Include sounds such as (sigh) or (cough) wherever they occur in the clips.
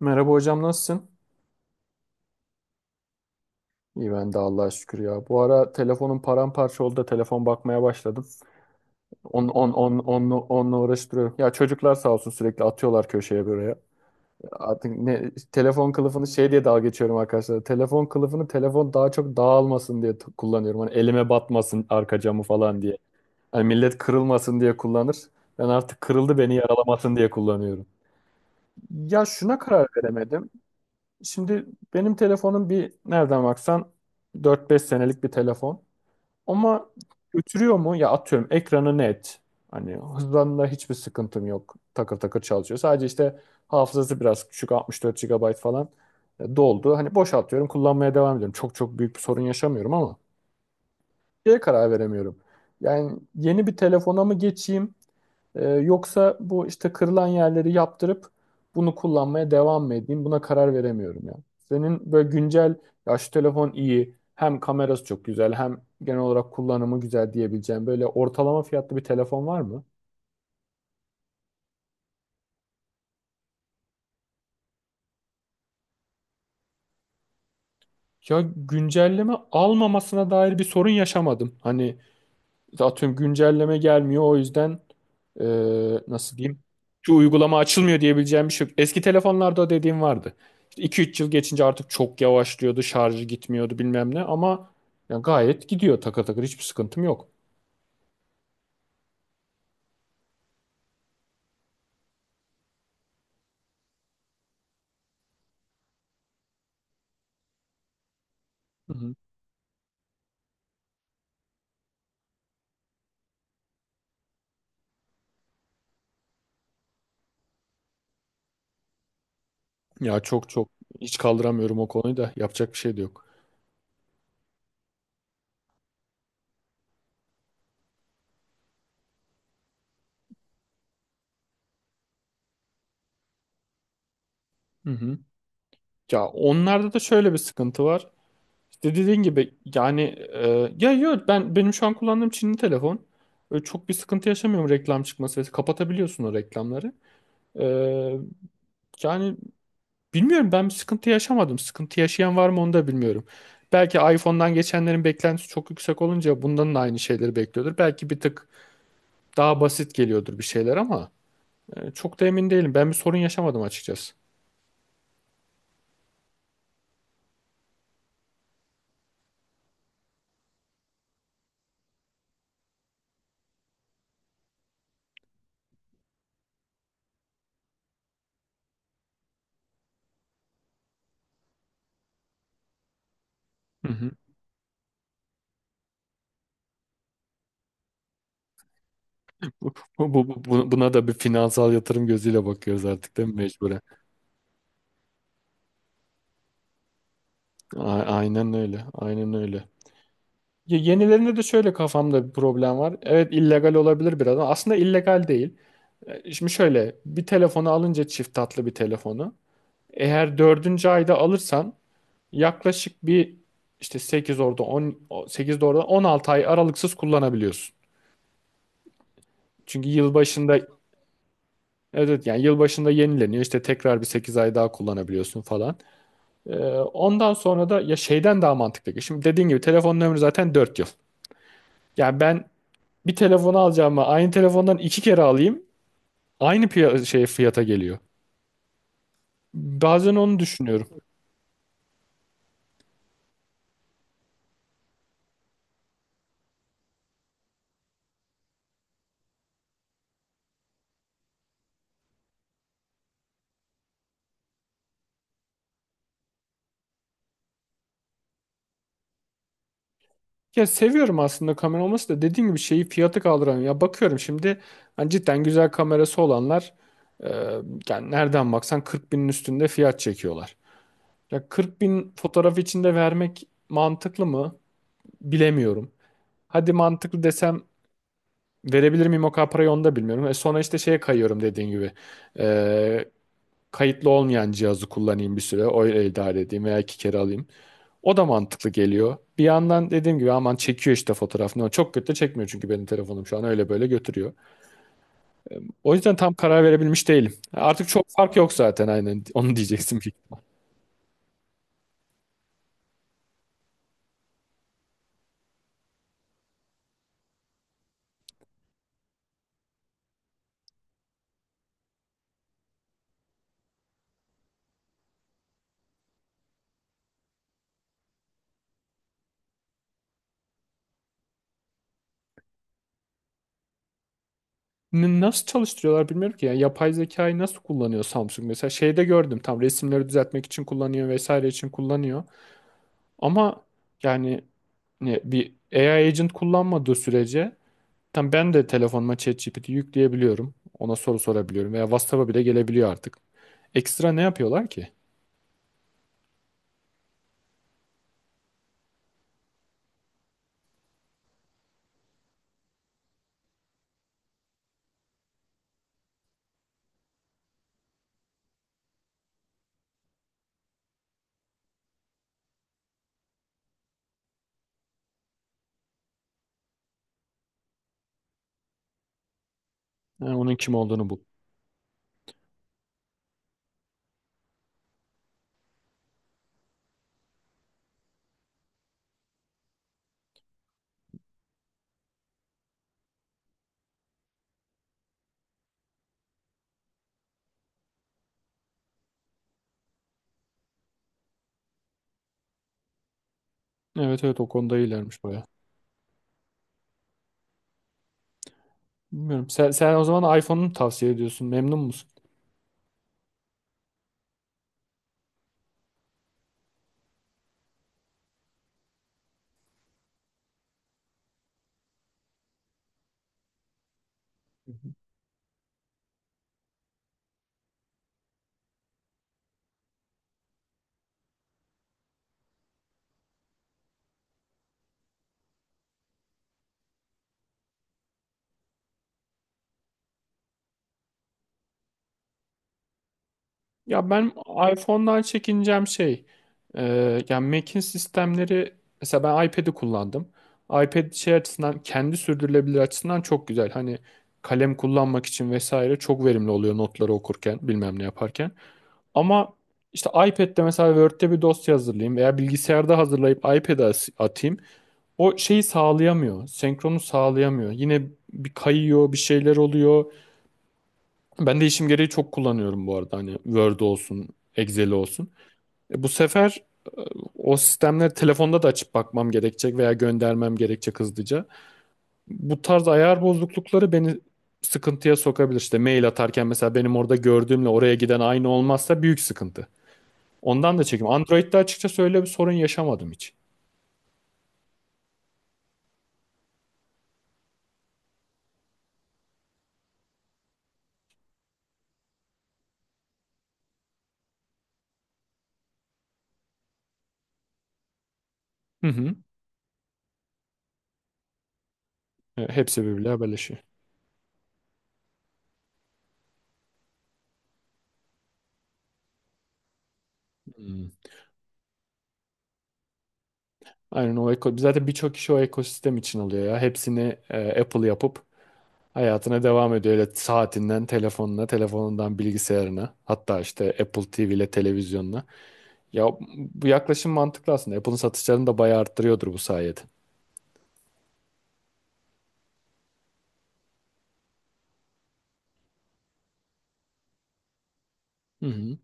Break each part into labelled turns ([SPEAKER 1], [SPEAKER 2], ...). [SPEAKER 1] Merhaba hocam, nasılsın? İyi ben de Allah'a şükür ya. Bu ara telefonum paramparça oldu da telefon bakmaya başladım. Onunla uğraştırıyorum. Ya çocuklar sağ olsun, sürekli atıyorlar köşeye buraya. Artık ne telefon kılıfını şey diye dalga geçiyorum arkadaşlar. Telefon kılıfını telefon daha çok dağılmasın diye kullanıyorum. Hani elime batmasın arka camı falan diye. Hani millet kırılmasın diye kullanır. Ben artık kırıldı, beni yaralamasın diye kullanıyorum. Ya, şuna karar veremedim. Şimdi benim telefonum bir nereden baksan 4-5 senelik bir telefon. Ama götürüyor mu? Ya, atıyorum ekranı net. Hani hızlanında hiçbir sıkıntım yok. Takır takır çalışıyor. Sadece işte hafızası biraz küçük, 64 gigabayt falan doldu. Hani boşaltıyorum, kullanmaya devam ediyorum. Çok çok büyük bir sorun yaşamıyorum ama şeye karar veremiyorum. Yani yeni bir telefona mı geçeyim? Yoksa bu işte kırılan yerleri yaptırıp bunu kullanmaya devam mı edeyim? Buna karar veremiyorum ya. Senin böyle güncel, ya şu telefon iyi, hem kamerası çok güzel, hem genel olarak kullanımı güzel diyebileceğim böyle ortalama fiyatlı bir telefon var mı? Ya, güncelleme almamasına dair bir sorun yaşamadım. Hani atıyorum güncelleme gelmiyor, o yüzden. e, Nasıl diyeyim? Şu uygulama açılmıyor diyebileceğim bir şey yok. Eski telefonlarda dediğim vardı. İşte 2-3 yıl geçince artık çok yavaşlıyordu, şarjı gitmiyordu bilmem ne, ama ya gayet gidiyor, takır takır, hiçbir sıkıntım yok. Hı hı. Ya çok çok hiç kaldıramıyorum o konuyu da, yapacak bir şey de yok. Hı hı. Ya, onlarda da şöyle bir sıkıntı var. İşte dediğin gibi, yani ya yok, benim şu an kullandığım Çinli telefon, öyle çok bir sıkıntı yaşamıyorum. Reklam çıkması ve kapatabiliyorsun o reklamları. E, Yani bilmiyorum, ben bir sıkıntı yaşamadım. Sıkıntı yaşayan var mı onu da bilmiyorum. Belki iPhone'dan geçenlerin beklentisi çok yüksek olunca bundan da aynı şeyleri bekliyordur. Belki bir tık daha basit geliyordur bir şeyler, ama çok da emin değilim. Ben bir sorun yaşamadım açıkçası. Hı hı. Buna da bir finansal yatırım gözüyle bakıyoruz artık, değil mi, mecburen? Aynen öyle. Aynen öyle. Ya, yenilerinde de şöyle kafamda bir problem var. Evet, illegal olabilir biraz ama aslında illegal değil. Şimdi, şöyle bir telefonu alınca, çift tatlı bir telefonu, eğer dördüncü ayda alırsan yaklaşık bir işte 8 orada 10 8 orada 16 ay aralıksız kullanabiliyorsun. Çünkü yılbaşında, evet evet, yani yılbaşında yenileniyor, işte tekrar bir 8 ay daha kullanabiliyorsun falan. Ondan sonra da ya şeyden daha mantıklı. Şimdi dediğin gibi telefonun ömrü zaten 4 yıl. Yani ben bir telefonu alacağıma aynı telefondan iki kere alayım. Aynı şey fiyata geliyor. Bazen onu düşünüyorum. Ya, seviyorum aslında kamera olması da, dediğim gibi şeyi, fiyatı kaldıramıyorum. Ya bakıyorum şimdi, hani cidden güzel kamerası olanlar e, yani nereden baksan 40 binin üstünde fiyat çekiyorlar. Ya 40 bin fotoğraf içinde vermek mantıklı mı? Bilemiyorum. Hadi mantıklı desem, verebilir miyim o kadar parayı, onu da bilmiyorum. Sonra işte şeye kayıyorum, dediğin gibi. Kayıtlı olmayan cihazı kullanayım bir süre, öyle idare edeyim veya iki kere alayım. O da mantıklı geliyor. Bir yandan dediğim gibi, aman, çekiyor işte fotoğraf. Ne o çok kötü de çekmiyor, çünkü benim telefonum şu an öyle böyle götürüyor. O yüzden tam karar verebilmiş değilim. Artık çok fark yok zaten, aynen (laughs) onu diyeceksin büyük ihtimal. Nasıl çalıştırıyorlar bilmiyorum ki. Yani yapay zekayı nasıl kullanıyor Samsung mesela? Şeyde gördüm, tam resimleri düzeltmek için kullanıyor, vesaire için kullanıyor. Ama yani ne, bir AI agent kullanmadığı sürece, tam ben de telefonuma ChatGPT yükleyebiliyorum. Ona soru sorabiliyorum veya WhatsApp'a bile gelebiliyor artık. Ekstra ne yapıyorlar ki? Ha, onun kim olduğunu bul. Evet evet, o konuda iyilermiş baya. Bilmiyorum. Sen o zaman iPhone'u mu tavsiye ediyorsun? Memnun musun? Hı hı. Ya ben iPhone'dan çekineceğim şey, e, yani Mac'in sistemleri, mesela ben iPad'i kullandım. iPad şey açısından, kendi sürdürülebilir açısından çok güzel. Hani kalem kullanmak için vesaire çok verimli oluyor, notları okurken bilmem ne yaparken. Ama işte iPad'de mesela Word'de bir dosya hazırlayayım veya bilgisayarda hazırlayıp iPad'e atayım, o şeyi sağlayamıyor. Senkronu sağlayamıyor. Yine bir kayıyor, bir şeyler oluyor. Ben de işim gereği çok kullanıyorum bu arada. Hani Word olsun, Excel olsun. Bu sefer e, o sistemleri telefonda da açıp bakmam gerekecek veya göndermem gerekecek hızlıca. Bu tarz ayar bozuklukları beni sıkıntıya sokabilir. İşte mail atarken mesela, benim orada gördüğümle oraya giden aynı olmazsa büyük sıkıntı. Ondan da çekim. Android'de açıkçası öyle bir sorun yaşamadım hiç. Hı hı. Hepsi birbiriyle haberleşiyor. Hmm. Aynen, o eko zaten birçok kişi o ekosistem için alıyor ya. Hepsini Apple yapıp hayatına devam ediyor. Öyle saatinden telefonuna, telefonundan bilgisayarına, hatta işte Apple TV ile televizyonuna. Ya bu yaklaşım mantıklı aslında. Apple'ın satışlarını da bayağı arttırıyordur bu sayede. Hı hı.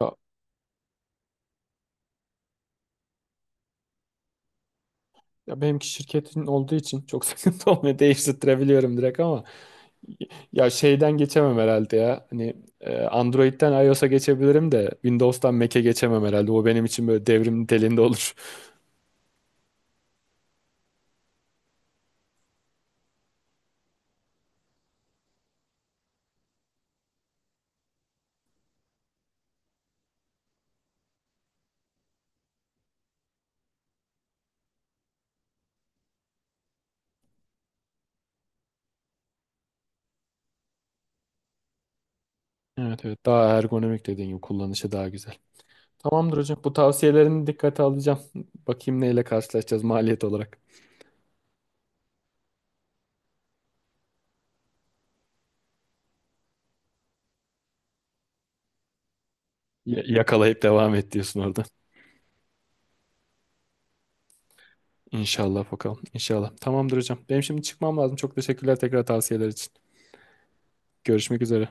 [SPEAKER 1] Ya, ya benimki şirketin olduğu için çok (laughs) sıkıntı olmuyor. Değiştirebiliyorum direkt ama. Ya şeyden geçemem herhalde ya. Hani Android'den iOS'a geçebilirim de Windows'tan Mac'e geçemem herhalde. O benim için böyle devrim niteliğinde olur. (laughs) Evet evet, daha ergonomik dediğin gibi, kullanışı daha güzel. Tamamdır hocam. Bu tavsiyelerini dikkate alacağım. Bakayım neyle karşılaşacağız maliyet olarak. Yakalayıp devam et diyorsun orada. İnşallah bakalım. İnşallah. Tamamdır hocam. Benim şimdi çıkmam lazım. Çok teşekkürler, tekrar, tavsiyeler için. Görüşmek üzere.